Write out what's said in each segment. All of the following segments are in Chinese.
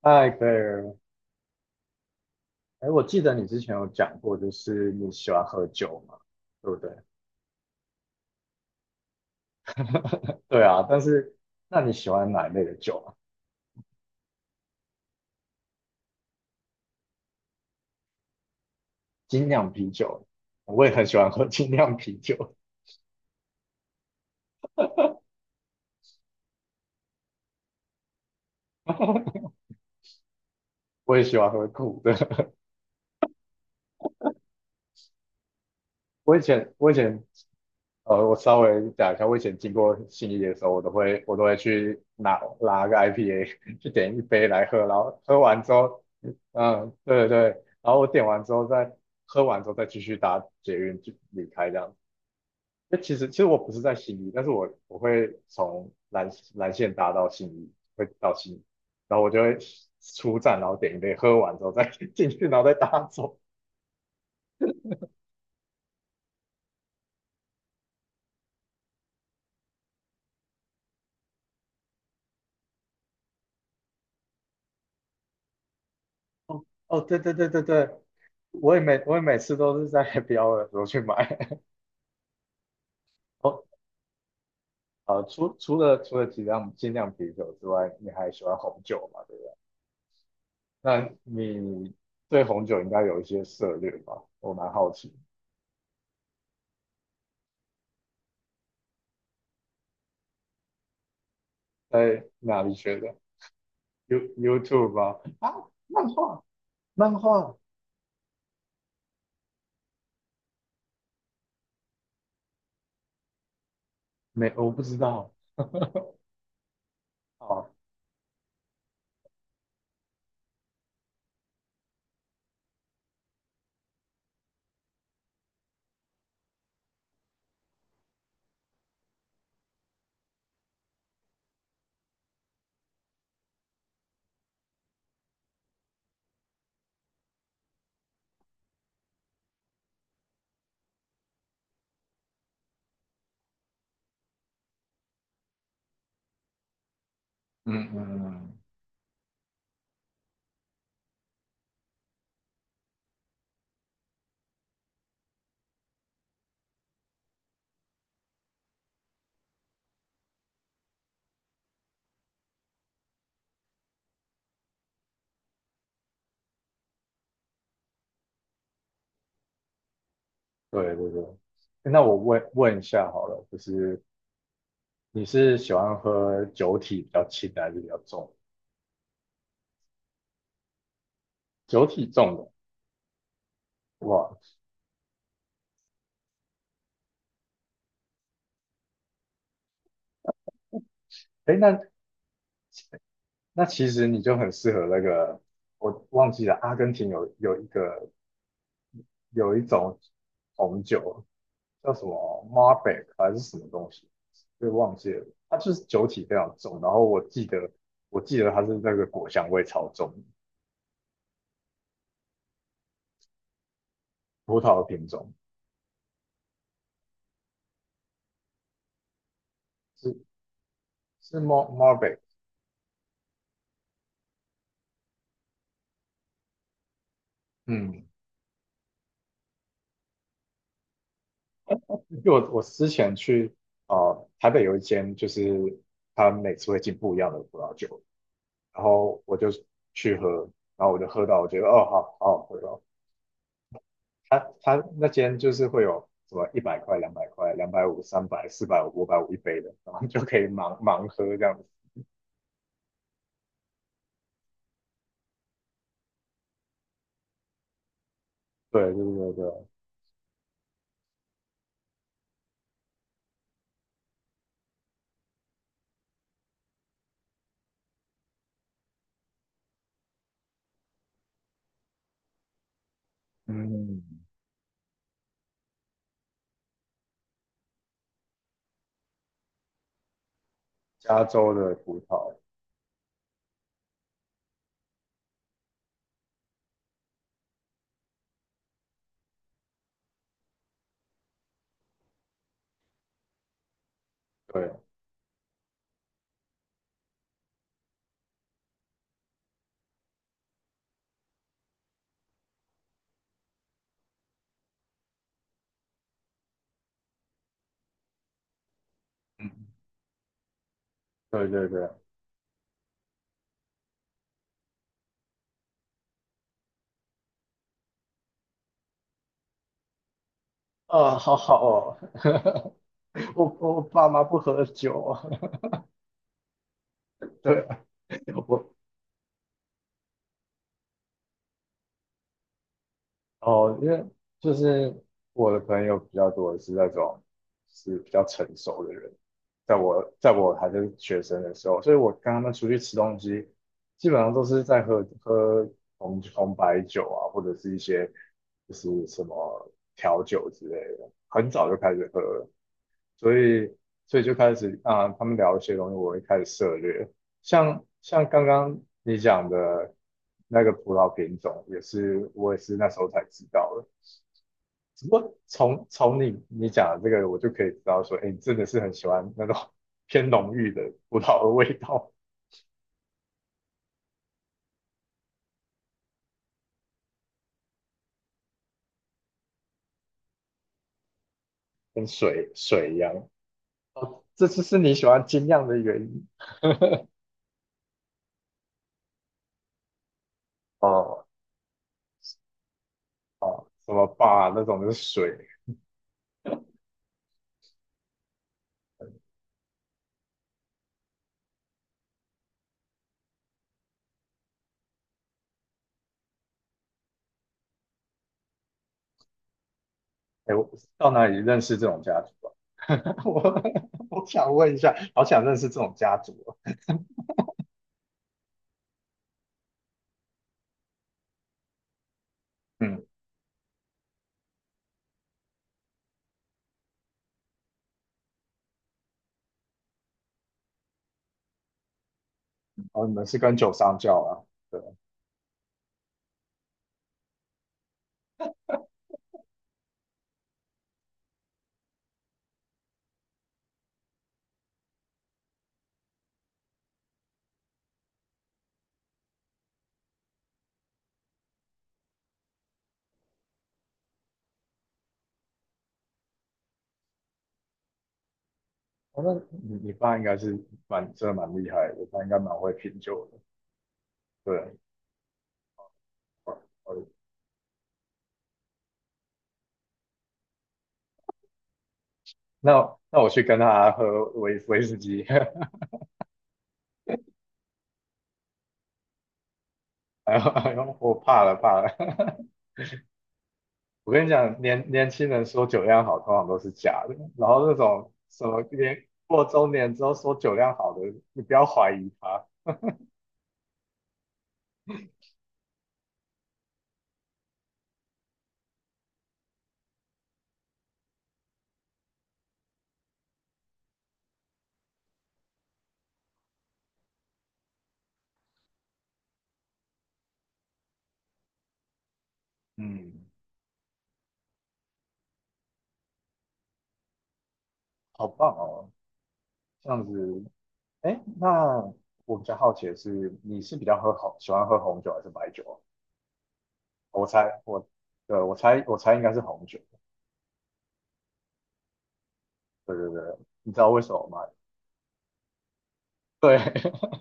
嗨，贝尔，哎，我记得你之前有讲过，就是你喜欢喝酒嘛，对不对？对啊，但是那你喜欢哪一类的酒啊？精酿啤酒，我也很喜欢喝精酿啤酒。我也喜欢喝苦的。我以前，我以前，呃，我稍微讲一下，我以前经过信义的时候，我都会去拿个 IPA，去点一杯来喝，然后喝完之后，嗯，对，然后我点完之后再喝完之后再继续搭捷运就离开这样。那其实我不是在信义，但是我会从蓝线搭到信义，会到信义，然后我就会出站，然后点一杯，喝完之后再 进去，然后再搭走。哦，对对对对对，我也每次都是在 h 的时候去买。哦，除了几量精酿啤酒之外，你还喜欢红酒嘛？对不对？那你对红酒应该有一些涉猎吧？我蛮好奇，在哪里学的？YouTube 吗？啊，漫画，漫画。没，我不知道。哦，嗯嗯嗯，对对对。那我问一下好了，就是你是喜欢喝酒体比较轻的还是比较重？酒体重的，哇，哎，那其实你就很适合那个，我忘记了，阿根廷有一个有一种红酒叫什么 m a r b e c 还是什么东西，对，忘记了，它就是酒体非常重，然后我记得它是那个果香味超重，葡萄的品种。是是 m 墨 r m 嗯，因为我之前去呃台北有一间，就是他每次会进不一样的葡萄酒，然后我就去喝，然后我就喝到我觉得哦好好好喝哦，他那间就是会有什么一百块、两百块、两百五、三百、四百五、五百五一杯的，然后就可以盲喝这样子。对对对对，嗯，加州的葡萄，对，嗯，对对对，啊，好好哦，我爸妈不喝酒。对，我哦，因为就是我的朋友比较多的是那种是比较成熟的人，在在我还是学生的时候，所以我跟他们出去吃东西，基本上都是在喝红白酒啊，或者是一些就是什么调酒之类的，很早就开始喝了，所以所以就开始啊，他们聊一些东西，我会开始涉猎。像刚刚你讲的那个葡萄品种，我也是那时候才知道的。只不过从你讲的这个，我就可以知道说，哎，你真的是很喜欢那种 偏浓郁的葡萄的味道，跟水一样。哦，这次是你喜欢精酿的原因。哦哦，什么吧那种就是水。哎，我到哪里认识这种家族啊？我我想问一下，好想认识这种家族啊。嗯，哦，你们是跟酒商叫啊？对，哦，那你爸应该是蛮厉害的，我爸应该蛮会品酒的。对，哦哦那那我去跟他喝威士忌，哎呦哎呦，我怕了怕了。我跟你讲，年轻人说酒量好，通常都是假的。然后那种什么年过中年之后说酒量好的，你不要怀疑他。嗯，好棒哦，这样子，哎，那我比较好奇的是，你是比较喝红，喜欢喝红酒还是白酒啊？我猜，我，对，我猜应该是红酒。对对对，你知道为什么吗？对，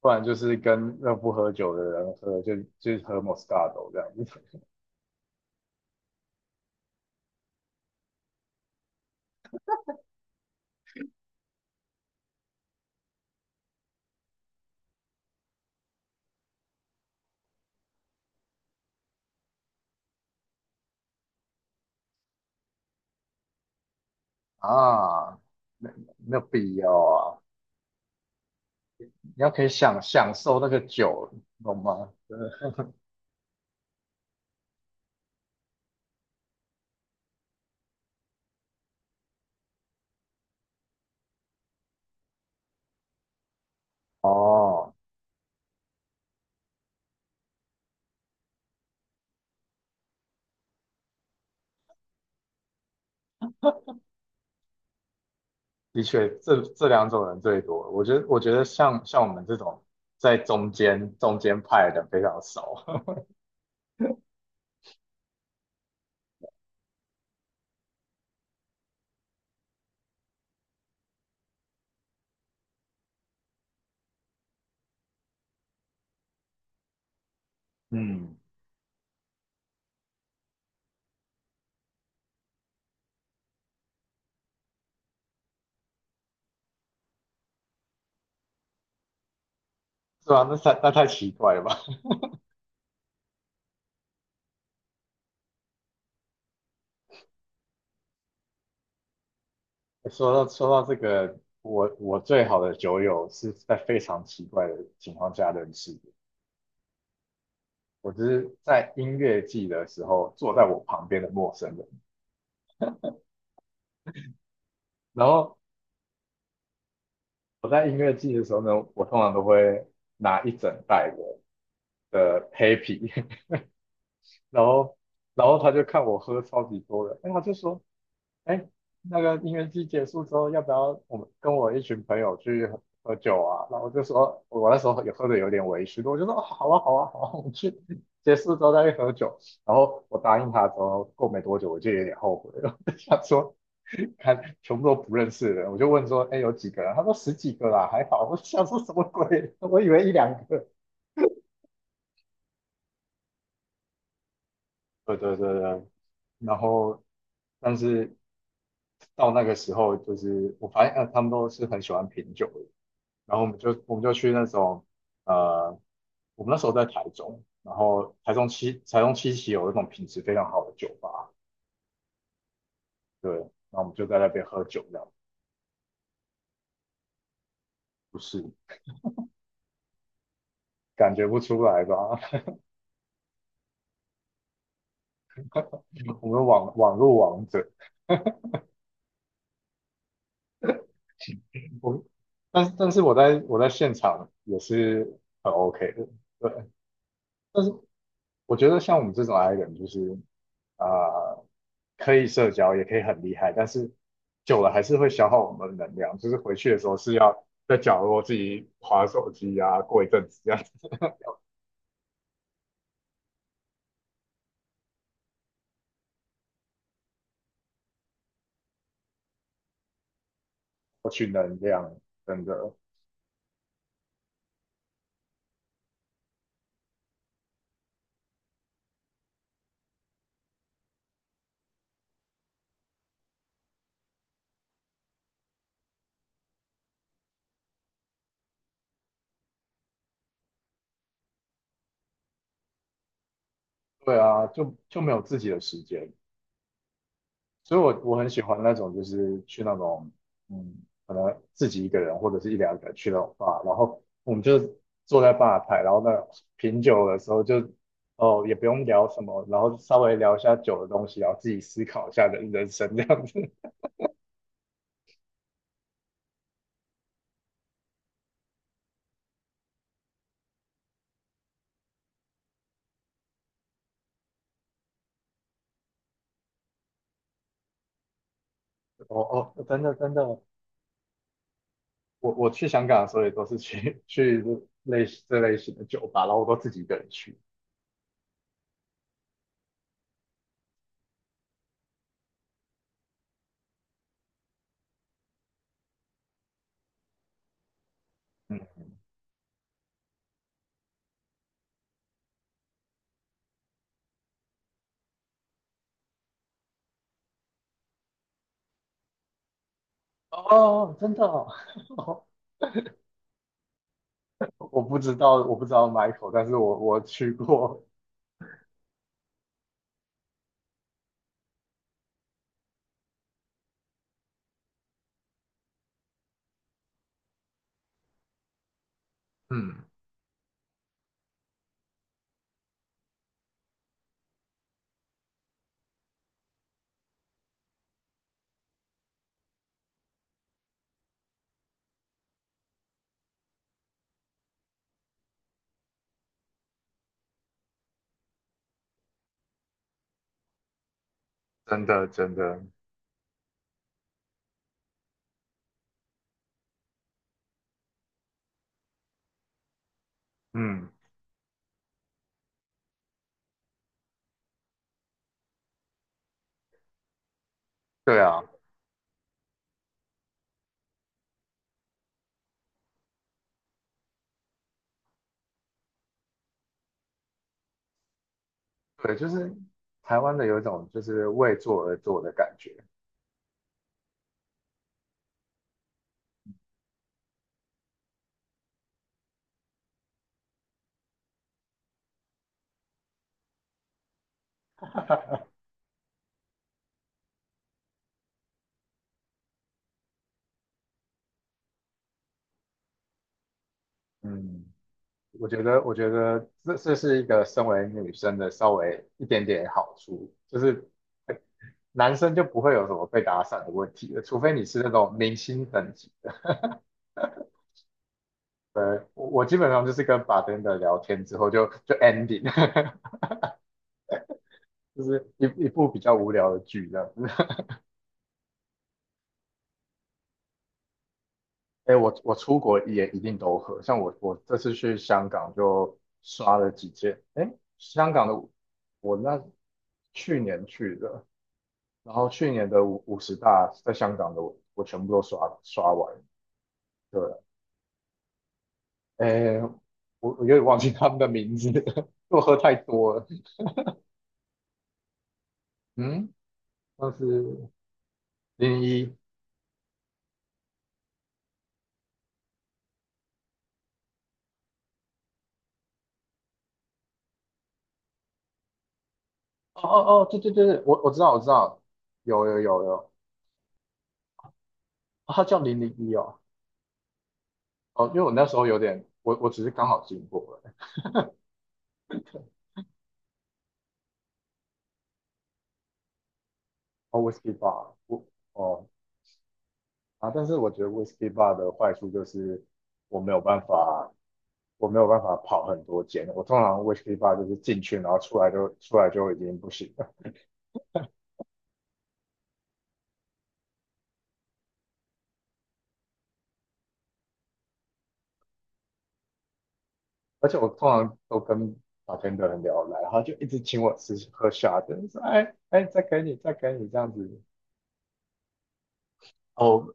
不然就是跟那不喝酒的人喝，就是喝 Moscato 这样子啊，那有必要啊，你要可以享受那个酒，懂吗？对哦。的确，这这两种人最多。我觉得像我们这种在中间派的人非常少，嗯，是吧？那太奇怪了吧？说到这个，我最好的酒友是在非常奇怪的情况下认识的。我只是在音乐季的时候坐在我旁边的陌生人，然后我在音乐季的时候呢，我通常都会拿一整袋的的黑啤，然后然后他就看我喝超级多的，哎，他就说。哎，那个音乐季结束之后，要不要我们跟我一群朋友去喝酒啊？然后我就说，我那时候也喝的有点微醺，我就说哦好啊，好啊，好啊，我们去结束之后再去喝酒。然后我答应他之后，过没多久我就有点后悔了，我就想说，看全部都不认识的人，我就问说，哎，有几个人？他说十几个啦，还好。我想说什么鬼？我以为一两个。对对对对，然后但是到那个时候，就是我发现呃他们都是很喜欢品酒的，然后我们就去那种呃，我们那时候在台中，然后台中七期有一种品质非常好的酒吧，对，然后我们就在那边喝酒，这样不是感觉不出来吧？我们网络王者，我但是我在在现场也是很 OK 的，对。但是。我觉得像我们这种 I 人，就是啊呃，可以社交，也可以很厉害，但是久了还是会消耗我们的能量。就是回去的时候是要在角落自己划手机啊，过一阵子这样子获取能量，真的。对啊，就就没有自己的时间。所以我很喜欢那种，就是去那种，嗯，可能自己一个人或者是一两个人去那种 b 然后我们就坐在吧台，然后那品酒的时候就，哦，也不用聊什么，然后稍微聊一下酒的东西，然后自己思考一下人生这样子。哦哦，真的真的，我去香港的时候也都是去 去类似这类型的酒吧，然后我都自己一个人去。嗯，哦，真的哦，我不知道 Michael，但是我去过，嗯。真的真的，嗯，对啊，对，就是台湾的有一种就是为做而做的感觉，嗯，我觉得这这是一个身为女生的稍微一点点好处，就是男生就不会有什么被打散的问题了，除非你是那种明星等级，呃，我基本上就是跟 b a r 聊天之后就 ending，就是一部比较无聊的剧这样。哎，我出国也一定都喝，像我这次去香港就刷了几件。哎，香港的我那去年去的，然后去年的五十大在香港的我全部都刷完。对，哎，我有点忘记他们的名字，因为我喝太多了。嗯，那是零一。哦哦哦，对对对对，我知道，有有有有，哦他叫零零一哦。哦，因为我那时候有点，我只是刚好经过了。哦，whisky bar，我哦啊，但是我觉得 whisky bar 的坏处就是我没有办法，我没有办法跑很多间。我通常 whisky bar 就是进去，然后出来就出来就已经不行了。而且我通常都跟 bartender 很聊得来，他就一直请我吃喝 shot，说哎哎，再给你这样子。哦，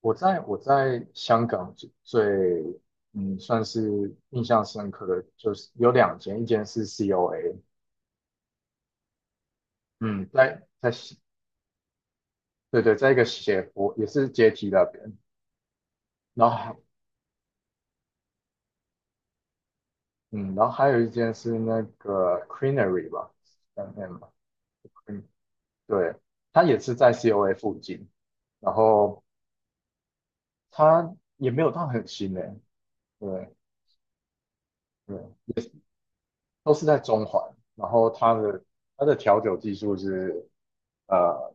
我在我在香港最嗯算是印象深刻的就是有两间，一间是 COA。嗯，在对对，在一个斜坡，也是阶梯那边。然后还，嗯，然后还有一间是那个 c r e a n e r y 吧，嗯嗯吧，嗯，对，它也是在 COA 附近，然后它也没有到很新诶，对对，都是在中环。然后它的调酒技术是呃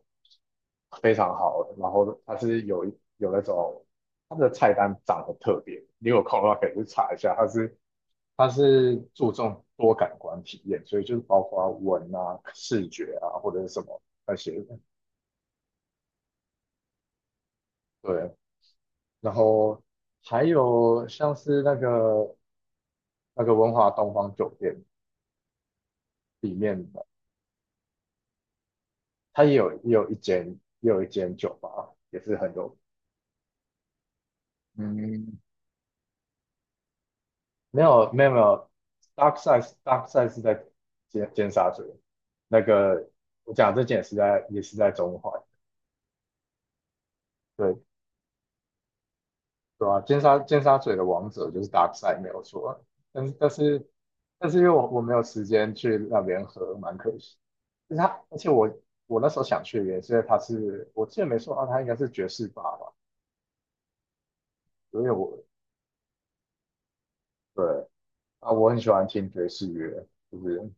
非常好的，然后它是有有那种它的菜单长得特别，你有空的话可以去查一下，它是注重多感官体验，所以就是包括闻啊、视觉啊或者是什么那些的对，然后还有像是那个文华东方酒店里面的，它也有也有一间酒吧，也是很有嗯，没有没有没有，Dark Side 是在尖沙咀，那个我讲这间也是也是在中环，对，对吧、尖沙咀的王者就是 Dark Side 没有错，但是但是但是因为我没有时间去那边喝，蛮可惜。就是他，而且我那时候想去的原因是因为他是，我记得没错啊，他应该是爵士吧吧，因为我对啊，我很喜欢听爵士乐，就是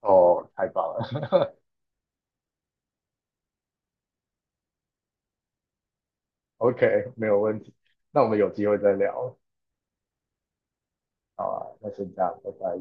哦，太棒了 ，OK，没有问题，那我们有机会再聊，好啊，那先这样，拜拜。